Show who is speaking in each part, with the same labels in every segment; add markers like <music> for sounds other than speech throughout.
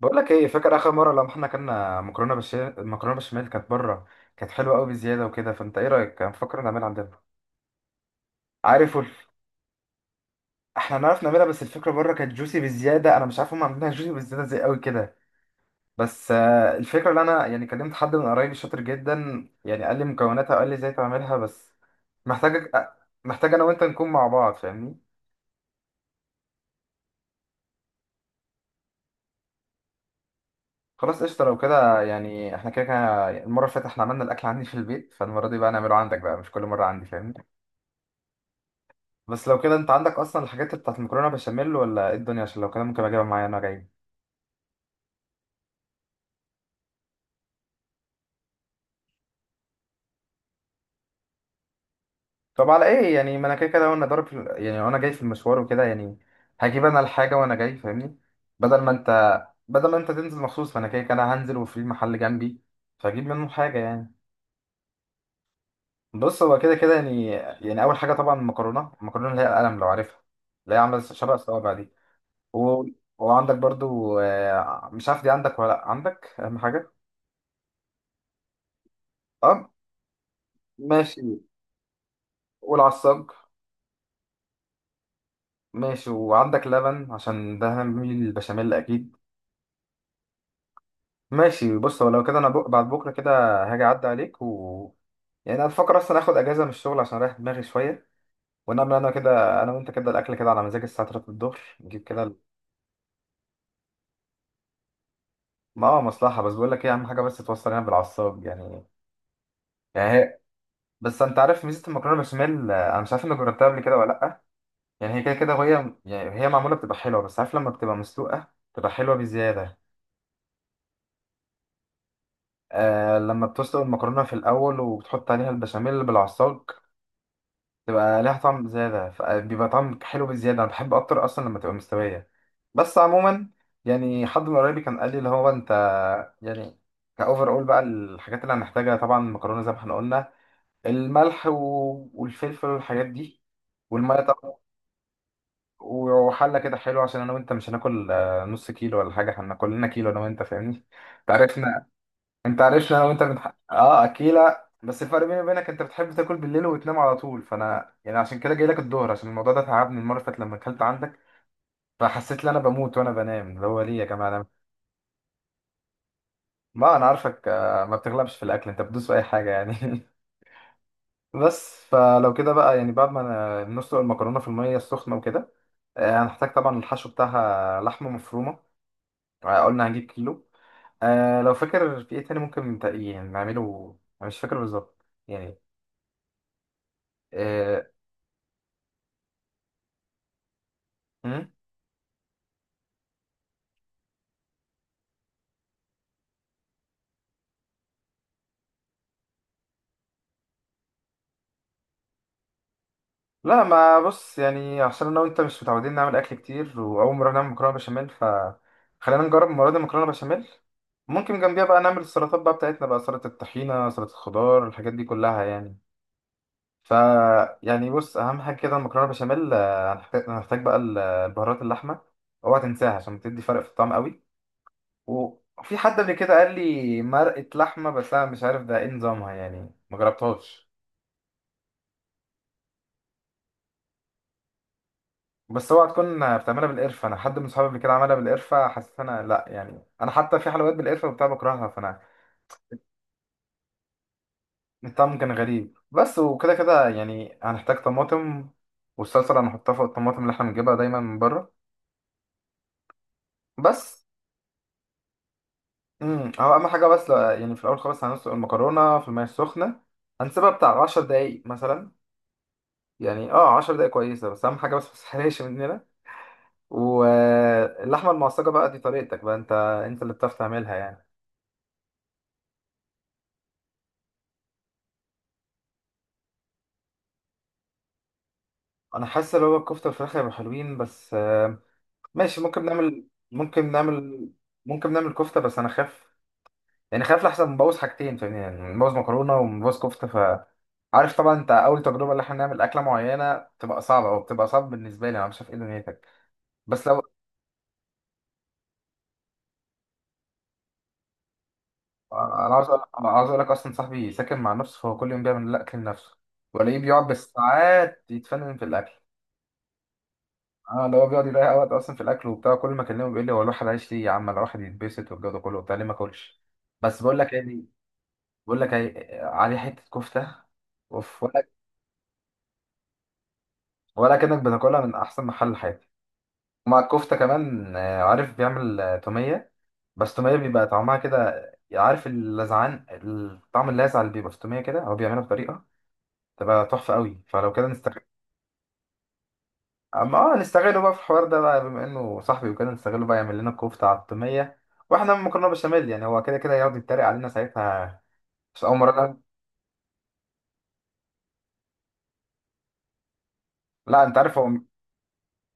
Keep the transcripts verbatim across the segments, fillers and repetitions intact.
Speaker 1: بقول لك ايه، فاكر اخر مره لما احنا كنا مكرونه بالشمال؟ المكرونه بالبشاميل كانت بره، كانت حلوه قوي بزياده وكده. فانت ايه رايك؟ انا بفكر نعملها عندنا. عارف الف... احنا نعرف نعملها، بس الفكره بره كانت جوسي بزياده. انا مش عارف هم عاملينها جوسي بزياده زي قوي كده. بس آه، الفكره اللي انا يعني كلمت حد من قرايبي شاطر جدا، يعني قال لي مكوناتها وقال لي ازاي تعملها. بس محتاج محتاج انا وانت نكون مع بعض، فاهمني. خلاص قشطه، لو كده يعني احنا كده كده. المره اللي فاتت احنا عملنا الاكل عندي في البيت، فالمره دي بقى نعمله عندك بقى، مش كل مره عندي، فاهمني. بس لو كده، انت عندك اصلا الحاجات بتاعت المكرونه بشاميل ولا ايه الدنيا؟ عشان لو كده ممكن اجيبها معايا انا جاي. طب على ايه يعني، ما انا كده كده وانا ضارب في ال- يعني وانا جاي في المشوار وكده يعني. هجيب انا الحاجه وانا جاي، فاهمني. بدل ما انت بدل ما انت تنزل مخصوص، فانا كده كده هنزل وفي محل جنبي. فاجيب منه حاجه يعني. بص، هو كده كده يعني. يعني اول حاجه طبعا المكرونه المكرونه اللي هي القلم، لو عارفها. اللي هي عامله شبه الصوابع دي. و... وعندك برضو، آه، مش عارف دي عندك ولا لأ. عندك اهم حاجه. اه. ماشي. والعصاج. ماشي. وعندك لبن؟ عشان ده هنعمل البشاميل اكيد. ماشي، بص هو لو كده انا بق... بعد بكره كده هاجي اعدي عليك. و يعني انا بفكر اصلا اخد اجازه من الشغل عشان اريح دماغي شويه، ونعمل انا كده انا وانت كده الاكل كده على مزاج الساعه تلاته الظهر، نجيب كده ال- ما هو مصلحه، بس بقول لك ايه، اهم حاجه بس توصل هنا بالعصاب يعني. يعني هي. بس انت عارف ميزه المكرونه بشاميل، آه، انا مش عارف انك جربتها قبل كده ولا لا. يعني هي كده كده وهي، يعني هي معموله بتبقى حلوه، بس عارف لما بتبقى مسلوقه بتبقى حلوه بزياده. آه، لما بتسلق المكرونة في الأول وبتحط عليها البشاميل بالعصاج، تبقى ليها طعم زيادة، ف- بيبقى طعم حلو بزيادة. أنا بحب أكتر أصلا لما تبقى مستوية. بس عموما، يعني حد من قرايبي كان قال لي اللي هو أنت، يعني، كأوفر أول بقى الحاجات اللي هنحتاجها، طبعا المكرونة زي ما احنا قلنا، الملح و... والفلفل والحاجات دي، والمية طبعا. وحلة كده حلوة، عشان أنا وأنت مش هناكل آه، نص كيلو ولا حاجة. احنا كلنا كيلو أنا وأنت، فاهمني. تعرفنا. انت عارفني انا وانت بنح... اه اكيلة، بس الفرق بيني وبينك انت بتحب تاكل بالليل وتنام على طول، فانا يعني عشان كده جاي لك الظهر، عشان الموضوع ده تعبني المره اللي فاتت لما اكلت عندك. فحسيت ان انا بموت وانا بنام، اللي هو ليه يا جماعه انا. ما انا عارفك، آه، ما بتغلبش في الاكل، انت بتدوس في اي حاجه يعني. <laughs> بس فلو كده بقى يعني، بعد ما أنا- نسلق المكرونه في الميه السخنه وكده. آه، هنحتاج طبعا الحشو بتاعها لحمه مفرومه. آه، قلنا هنجيب كيلو. آه، لو فاكر في ايه تاني ممكن تق- يعني نعمله، انا مش فاكر بالظبط يعني. آه، لا ما بص يعني عشان انا وانت مش متعودين نعمل اكل كتير، واول مره نعمل مكرونه بشاميل ف خلينا نجرب المره دي مكرونه بشاميل. ممكن جنبيها بقى نعمل السلطات بقى بتاعتنا، بقى سلطه الطحينه، سلطه الخضار، الحاجات دي كلها يعني. ف يعني بص، اهم حاجه كده المكرونه بشاميل. آه، هنحتاج هنحتاج بقى ال- البهارات، اللحمه اوعى تنساها عشان بتدي فرق في الطعم قوي. وفي حد قبل كده قال لي مرقه لحمه، بس انا مش عارف ده ايه نظامها، يعني ما جربتهاش. بس اوعى تكون بتعملها بالقرفه. انا حد من صحابي قبل كده عملها بالقرفه، حسيت انا لا يعني، انا حتى في حلويات بالقرفه وبتاع بكرهها فانا، الطعم كان غريب بس. وكده كده يعني هنحتاج طماطم، والصلصه اللي هنحطها فوق الطماطم، اللي احنا بنجيبها دايما من بره. بس امم هو اهم حاجه، بس لا يعني في الاول خالص هنسلق المكرونه في الميه السخنه، هنسيبها بتاع 10 دقايق مثلا. يعني اه 10 دقايق كويسه، بس اهم حاجه بس ما تسحرقش مننا. واللحمه المعصجه بقى دي طريقتك بقى انت، انت اللي بتعرف تعملها يعني. انا حاسس ان هو الكفته والفراخ هيبقوا حلوين، بس آه، ماشي. ممكن نعمل ممكن نعمل ممكن نعمل كفته، بس انا خاف، يعني خاف لحسن نبوظ حاجتين، فاهمني؟ يعني نبوظ مكرونه ونبوظ كفته. ف عارف طبعا انت اول تجربه اللي احنا نعمل اكله معينه بتبقى صعبه، او بتبقى صعب بالنسبه لي، انا مش عارف ايه دنيتك. بس لو انا عاوز أقول- انا عاوز اقول لك، اصلا صاحبي ساكن مع نفسه فهو كل يوم بيعمل الاكل لنفسه. ولاقيه بيقعد بالساعات يتفنن في الاكل. اه، اللي هو بيقعد يضيع وقت اصلا في الاكل وبتاع. كل ما اكلمه بيقول لي هو الواحد عايش ليه يا عم؟ انا الواحد يتبسط والجو ده كله وبتاع، ليه ما اكلش. بس بقول لك ايه دي، بقول لك ايه، عليه حته كفته، اوف. ولا ولا كانك بتاكلها من احسن محل، حياتي. ومع الكفته كمان، آه، عارف بيعمل آه، توميه، بس توميه بيبقى طعمها كده، عارف اللذعان، الطعم اللاذع اللي بيبقى في التوميه كده. هو بيعملها بطريقه تبقى تحفه قوي. فلو كده نستغل، اما اه نستغله بقى في الحوار ده بقى بما انه صاحبي وكده، نستغله بقى يعمل لنا كفتة على التومية، واحنا مكرونة بشاميل. يعني هو كده كده يقعد يتريق علينا ساعتها، بس اول مرة لا. لا انت عارف هو،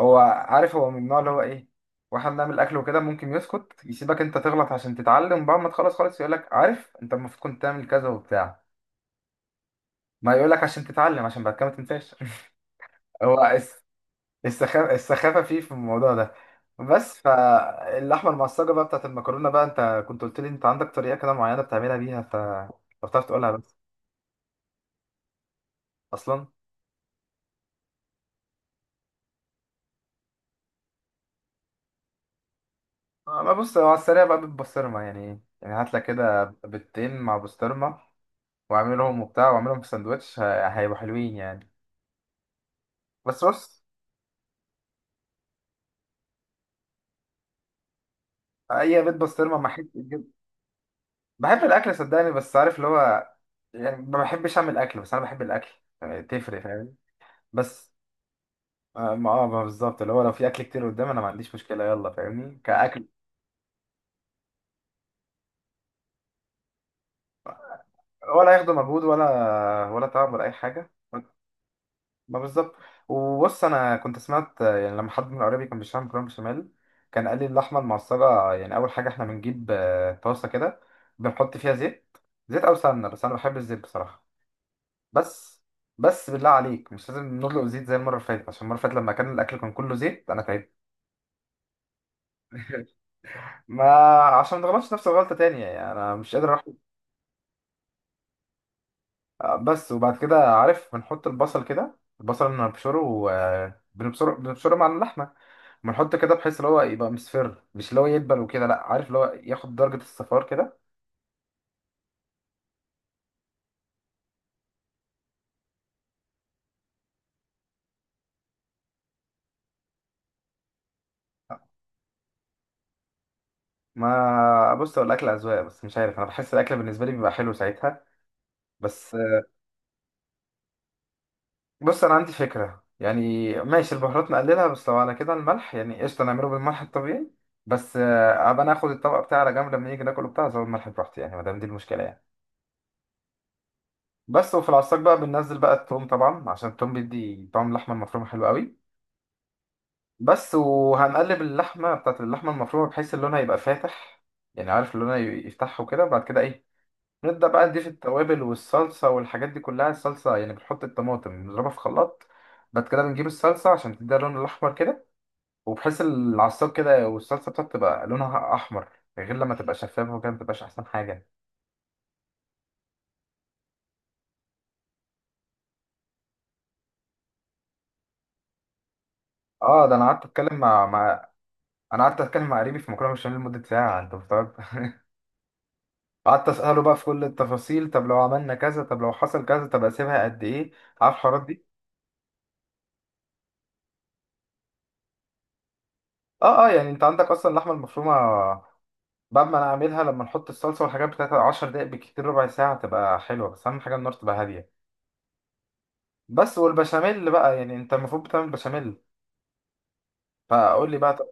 Speaker 1: هو عارف، هو من النوع اللي هو ايه، واحنا بنعمل اكل وكده ممكن يسكت يسيبك انت تغلط عشان تتعلم، بعد ما تخلص خالص يقول لك، عارف انت المفروض كنت تعمل كذا وبتاع. ما يقول لك عشان تتعلم، عشان بعد كده ما تنساش. <laughs> هو السخافة السخافة فيه في الموضوع ده. بس فاللحمة المعصجة بقى بتاعت المكرونة، بقى انت كنت قلت لي انت عندك طريقة كده معينة بتعملها بيها. ف لو بتعرف تقولها، بس اصلا آه، ما بص هو على السريع بقى بالبسطرمة يعني. يعني هات لك كده بيضتين مع بسطرمة، واعملهم وبتاع واعملهم في سندوتش، ه- هيبقوا حلوين يعني. بس بص، اي بيض بسطرمة مع حتة جب- بحب الاكل صدقني، بس عارف اللي هو، يعني ما بحبش اعمل اكل، بس انا بحب الاكل، يعني تفرق، فاهم؟ بس ما ما- آه، ما بالظبط اللي هو لو في اكل كتير قدام، انا ما عنديش مشكله، يلا فاهمني كاكل. ولا ياخدوا مجهود، ولا ولا تعب ولا اي حاجه. ما بالظبط. وبص، انا كنت سمعت آه، يعني لما حد من قرايبي كان بيشتغل مكرونه بشاميل، كان قال لي اللحمه المعصجه يعني اول حاجه احنا بنجيب آه، طاسه كده، بنحط فيها زيت، زيت او سمنه، بس انا بحب الزيت بصراحه. بس بس بالله عليك مش لازم نطلق زيت زي المره اللي فاتت، عشان المره اللي فاتت لما كان الاكل كان كله زيت انا تعبت. <laughs> ما عشان ما تغلطش نفس الغلطه تانية يعني، انا مش قادر اروح. آه، بس وبعد كده عارف بنحط البصل كده، البصل بنبشره وبنبشره بنبشره مع اللحمة. بنحط كده بحيث اللي هو يبقى مصفر، مش اللي هو يدبل وكده، لا، عارف اللي هو ياخد درجة الصفار كده. ما بص، هو الأكل أذواق، بس مش عارف أنا بحس الأكل بالنسبة لي بيبقى حلو ساعتها. بس آه، بص، أنا عندي فكرة يعني، ماشي البهارات نقللها. بس لو على كده الملح يعني، قشطة نعمله بالملح الطبيعي. بس آه، أبقى ناخد الطبق بتاعي على جنب، لما نيجي ناكله بتاع زود الملح براحتي يعني، ما دام دي المشكلة يعني. بس وفي العصاك بقى بننزل بقى التوم طبعا، عشان التوم بيدي طعم اللحمه المفرومه حلو قوي. بس وهنقلب اللحمه بتاعت اللحمه المفرومه بحيث اللون هيبقى فاتح. يعني عارف اللون هي- يفتحه كده، وبعد كده ايه، نبدا بقى نضيف التوابل والصلصه والحاجات دي كلها. الصلصه يعني بنحط الطماطم بنضربها في خلاط، بعد كده بنجيب الصلصه عشان تديها اللون الاحمر كده، وبحيث العصاك كده والصلصه بتاعته تبقى لونها احمر، غير لما تبقى شفافه وكده ما تبقاش احسن حاجه. اه، ده انا قعدت اتكلم مع مع انا قعدت اتكلم مع قريبي في مكرونه بشاميل لمده ساعه، انت مستوعب؟ <laughs> قعدت اساله بقى في كل التفاصيل، طب لو عملنا كذا، طب لو حصل كذا، طب اسيبها قد ايه، عارف الحوارات دي. اه، اه، يعني انت عندك اصلا اللحمه المفرومه. بعد ما انا اعملها لما نحط الصلصه والحاجات بتاعتها 10 دقائق بالكتير، ربع ساعه تبقى حلوه. بس اهم حاجه النار تبقى هاديه. بس والبشاميل بقى يعني، انت المفروض بتعمل بشاميل، فقول لي بقى. طب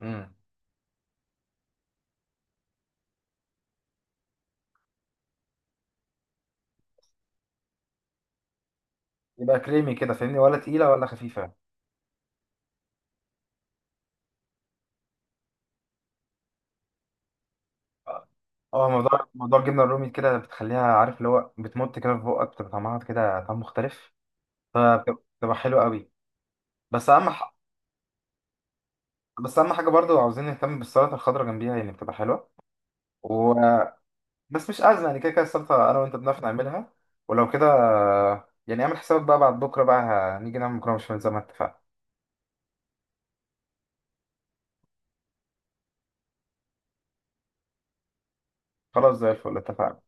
Speaker 1: امم، يبقى كريمي كده فاهمني، ولا تقيله ولا خفيفه؟ اه، موضوع موضوع الجبنه الرومي كده بتخليها عارف اللي هو بتمط كده في بقك، بتبقى طعمها كده طعم مختلف، فبتبقى حلوه قوي. بس اهم بس اهم حاجه برضو عاوزين نهتم بالسلطه الخضراء جنبيها، يعني بتبقى حلوه و... بس مش ازمه يعني، كده كده السلطه انا وانت بنعرف نعملها. ولو كده، يعني اعمل حسابك بقى بعد بكره بقى، هنيجي نعمل مكرونه بشاميل زي ما اتفقنا. خلاص زي الفل، اتفقنا.